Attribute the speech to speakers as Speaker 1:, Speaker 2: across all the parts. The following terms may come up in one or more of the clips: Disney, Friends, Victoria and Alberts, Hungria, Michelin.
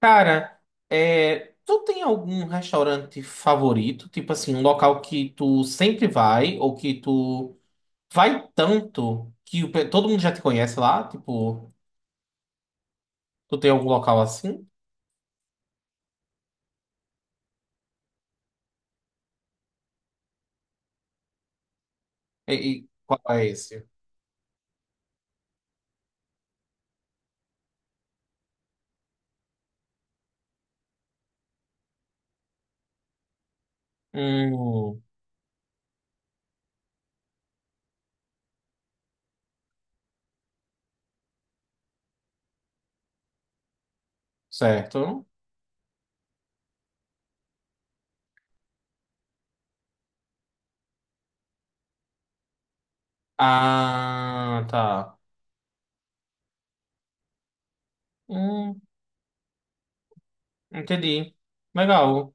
Speaker 1: Cara, é, tu tem algum restaurante favorito? Tipo assim, um local que tu sempre vai ou que tu vai tanto que todo mundo já te conhece lá? Tipo, tu tem algum local assim? E, e qual é esse? Hum, certo. Ah, tá. Hum, entendi. Legal.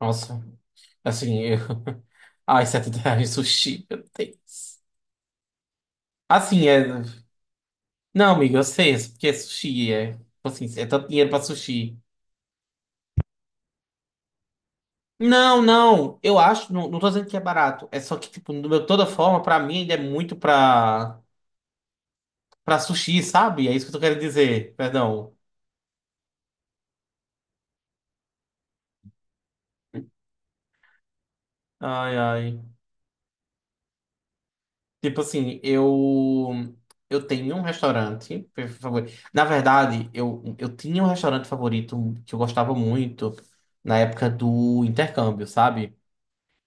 Speaker 1: Nossa, assim, eu... Ai, R$ reais sushi, meu Deus. Assim, é. Não, amigo, eu sei, é porque é sushi, é. Tipo assim, é tanto dinheiro pra sushi. Não, não, eu acho, não, não tô dizendo que é barato. É só que, tipo, de toda forma, pra mim ainda é muito pra, sushi, sabe? É isso que eu tô querendo dizer, perdão. Ai, ai. Tipo assim, eu. Eu tenho um restaurante por favor. Na verdade, eu tinha um restaurante favorito que eu gostava muito na época do intercâmbio, sabe?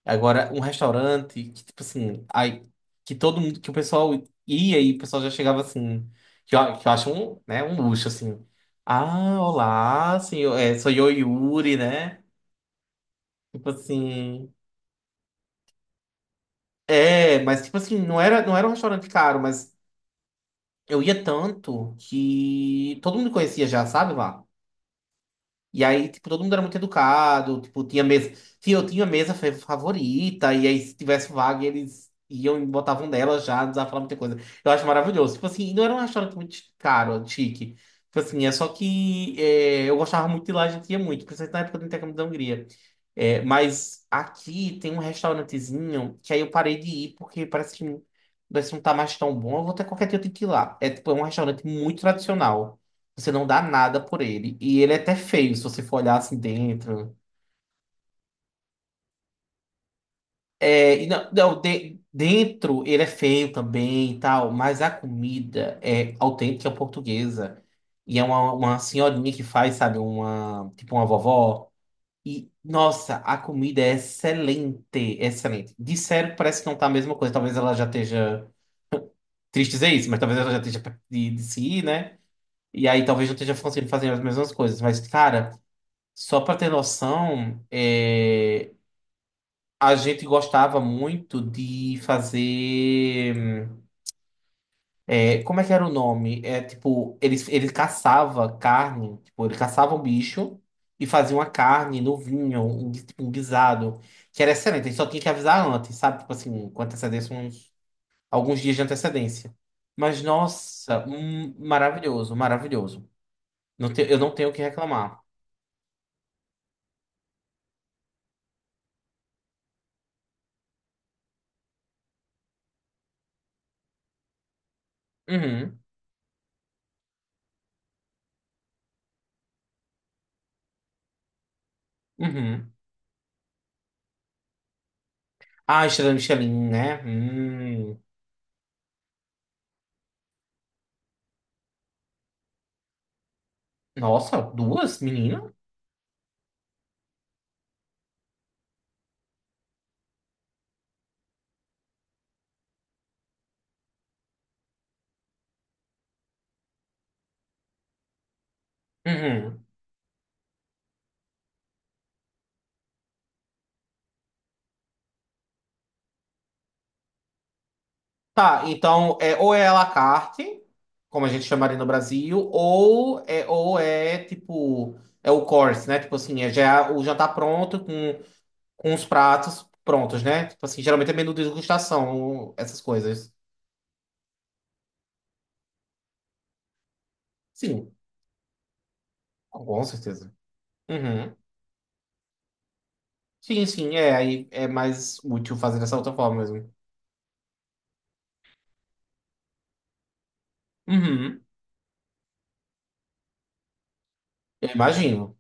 Speaker 1: Agora, um restaurante que, tipo assim, aí, que todo mundo, que o pessoal ia e o pessoal já chegava assim, que eu, acho um, né, um luxo, assim. Ah, olá, senhor, é, sou eu, Yuri, né? Tipo assim. É, mas tipo assim, não era um restaurante caro, mas eu ia tanto que todo mundo conhecia já, sabe lá? E aí, tipo, todo mundo era muito educado, tipo, tinha mesa. Tinha, eu tinha mesa favorita, e aí se tivesse vaga, eles iam e botavam nela já, não precisava falar muita coisa. Eu acho maravilhoso. Tipo assim, e não era um restaurante muito caro, chique. Tipo assim, é só que é, eu gostava muito de lá, a gente ia muito, principalmente na época do intercâmbio da Hungria. É, mas aqui tem um restaurantezinho que aí eu parei de ir porque parece que, não tá mais tão bom. Eu vou ter qualquer dia eu tenho que ir lá. É, tipo, é um restaurante muito tradicional. Você não dá nada por ele. E ele é até feio, se você for olhar assim dentro. É, e não, não, dentro ele é feio também e tal, mas a comida é autêntica portuguesa. E é uma, senhorinha que faz, sabe, uma, tipo uma vovó. E, nossa, a comida é excelente, excelente. Disseram que parece que não tá a mesma coisa. Talvez ela já esteja triste dizer isso, mas talvez ela já esteja perto de, se ir, né? E aí talvez não esteja conseguindo fazer as mesmas coisas. Mas, cara. Só para ter noção, é, a gente gostava muito de fazer. Como é que era o nome? É tipo, ele caçava carne, tipo, ele caçava um bicho e fazia uma carne no vinho, um, tipo, um guisado, que era excelente. Ele só tinha que avisar antes, sabe? Tipo assim, com antecedência, uns, alguns dias de antecedência. Mas nossa, maravilhoso, maravilhoso. Eu não tenho o que reclamar. Uhum, uhum. Ah, estrela Michelin, né? Hum. Nossa, duas, menina? Uhum. Tá, então, é, ou é à la carte, como a gente chamaria no Brasil, ou é, tipo, é o course, né? Tipo assim, é já o jantar pronto com os pratos prontos, né? Tipo assim, geralmente é menu de degustação, essas coisas. Sim, com certeza. Uhum. Sim, sim, é, aí é mais útil fazer dessa outra forma mesmo. Uhum. Eu imagino.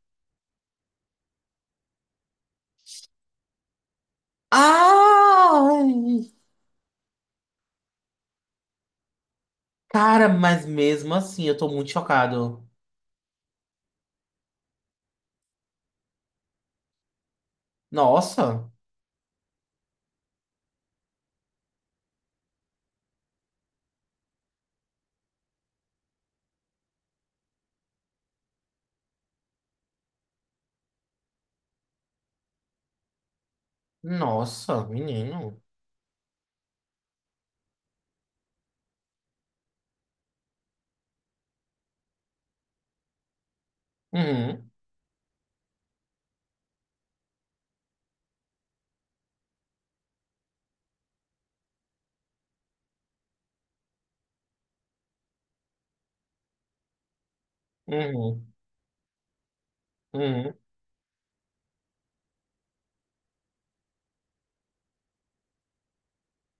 Speaker 1: Ah! Cara, mas mesmo assim, eu tô muito chocado. Nossa, nossa, menino. Uhum, uhum, uhum.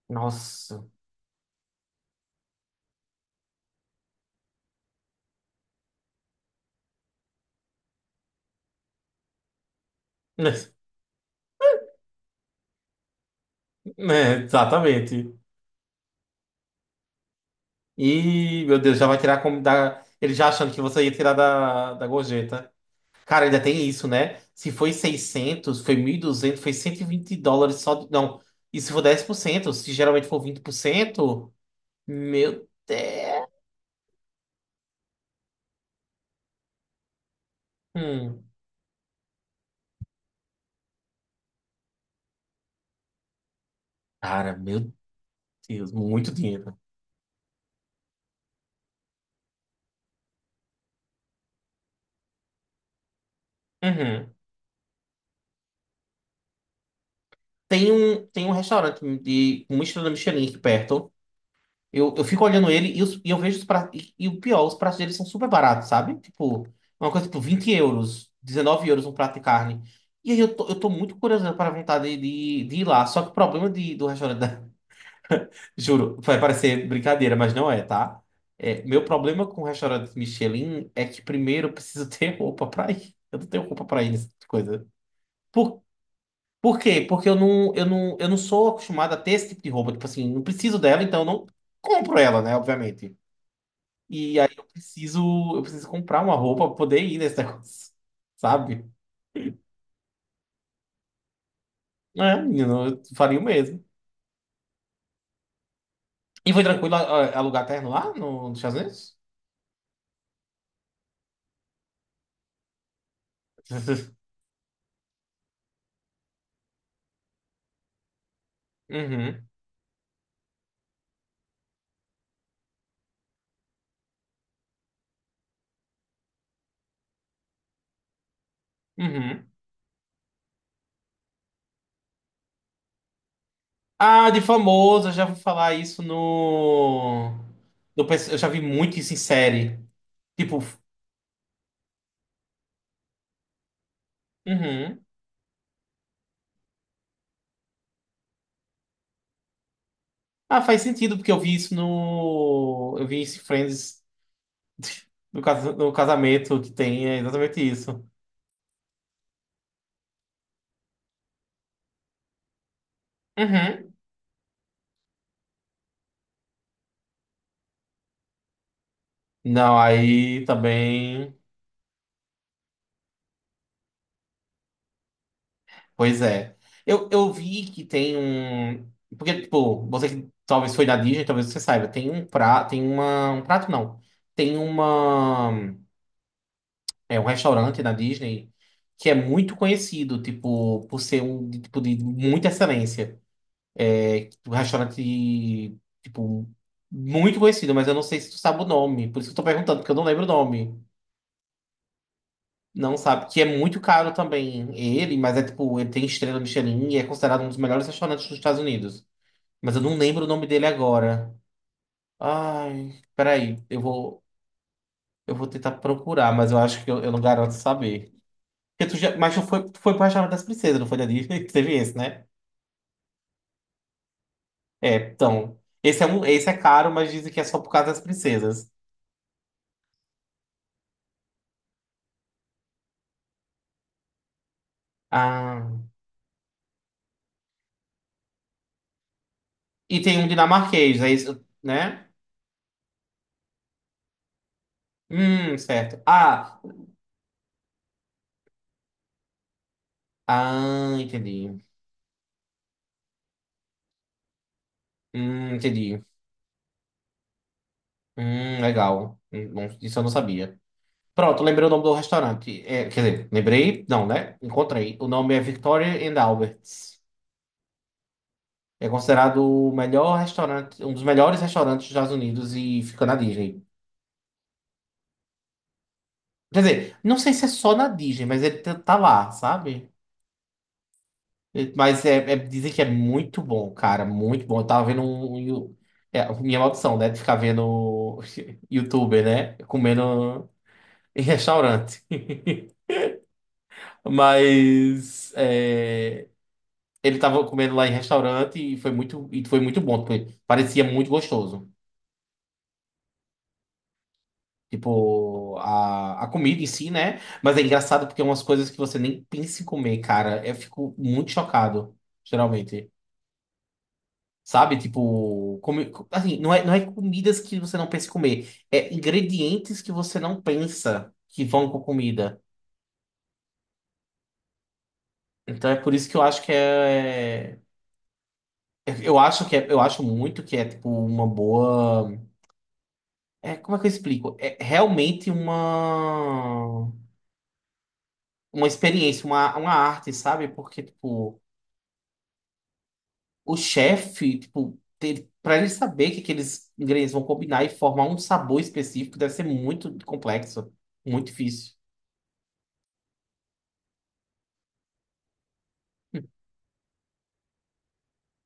Speaker 1: Nossa. É, exatamente. E, meu Deus, já vai tirar como da. Ele já achando que você ia tirar da, gorjeta. Cara, ainda tem isso, né? Se foi 600, foi 1.200, foi US$ 120 só. Não, e se for 10%? Se geralmente for 20%? Meu Deus. Hum. Cara, meu Deus, muito dinheiro. Uhum. tem um restaurante com uma estrela Michelin aqui perto. Eu fico olhando ele e, e eu vejo os pratos. E o pior, os pratos deles são super baratos, sabe? Tipo, uma coisa tipo 20 euros, 19 euros um prato de carne. E aí eu tô, muito curioso para a vontade de ir lá. Só que o problema do restaurante. Juro, vai parecer brincadeira, mas não é, tá? É, meu problema com o restaurante Michelin é que primeiro eu preciso ter roupa pra ir. Eu não tenho roupa pra ir nessa coisa. Por quê? Porque eu não, sou acostumado a ter esse tipo de roupa. Tipo assim, não preciso dela, então eu não compro ela, né? Obviamente. E aí eu preciso comprar uma roupa pra poder ir nesse negócio, sabe? É, menino, eu faria o mesmo. E foi tranquilo alugar terno lá nos Estados Unidos? Uhum, uhum. Ah, de famoso, eu já vou falar isso no. Eu já vi muito isso em série. Tipo, uhum. Ah, faz sentido, porque eu vi isso no. Eu vi isso em Friends. No casamento que tem, é exatamente isso. Uhum. Não, aí também. Pois é. Eu vi que tem um. Porque, tipo, você que talvez foi na Disney, talvez você saiba. Tem um prato. Tem uma. Um prato não. Tem uma. É um restaurante na Disney que é muito conhecido, tipo, por ser tipo de muita excelência. É tipo, um restaurante, tipo, muito conhecido, mas eu não sei se tu sabe o nome. Por isso que eu tô perguntando, porque eu não lembro o nome. Não sabe, que é muito caro também ele, mas é tipo, ele tem estrela Michelin e é considerado um dos melhores restaurantes dos Estados Unidos. Mas eu não lembro o nome dele agora. Ai, peraí, eu vou, tentar procurar, mas eu acho que eu não garanto saber. Porque tu já, mas tu foi pro restaurante das princesas, não foi da Disney? Teve esse, né? É, então. Esse é caro, mas dizem que é só por causa das princesas. Ah, e tem um dinamarquês, é isso, né? Certo. Entendi. Entendi. Legal. Bom, isso eu não sabia. Pronto, lembrei o nome do restaurante. É, quer dizer, lembrei, não, né? Encontrei. O nome é Victoria and Alberts. É considerado o melhor restaurante, um dos melhores restaurantes dos Estados Unidos e fica na Disney. Quer dizer, não sei se é só na Disney, mas ele tá lá, sabe? Mas é, dizem que é muito bom, cara, muito bom. Eu tava vendo um, um. É, minha maldição, né? De ficar vendo youtuber, né? Comendo em restaurante. Mas é, ele tava comendo lá em restaurante e foi muito, bom. Tipo, parecia muito gostoso. Tipo, a comida em si, né? Mas é engraçado porque é umas coisas que você nem pensa em comer, cara. Eu fico muito chocado, geralmente. Sabe? Tipo, assim, não é comidas que você não pensa em comer. É ingredientes que você não pensa que vão com comida. Então é por isso que eu acho que é. Eu acho que é, eu acho muito que é tipo uma boa. É, como é que eu explico? É realmente uma experiência, uma arte, sabe? Porque, tipo, o chefe, tipo, ter, pra ele saber que aqueles ingredientes vão combinar e formar um sabor específico deve ser muito complexo, muito difícil.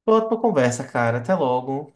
Speaker 1: Pronto pra conversa, cara. Até logo.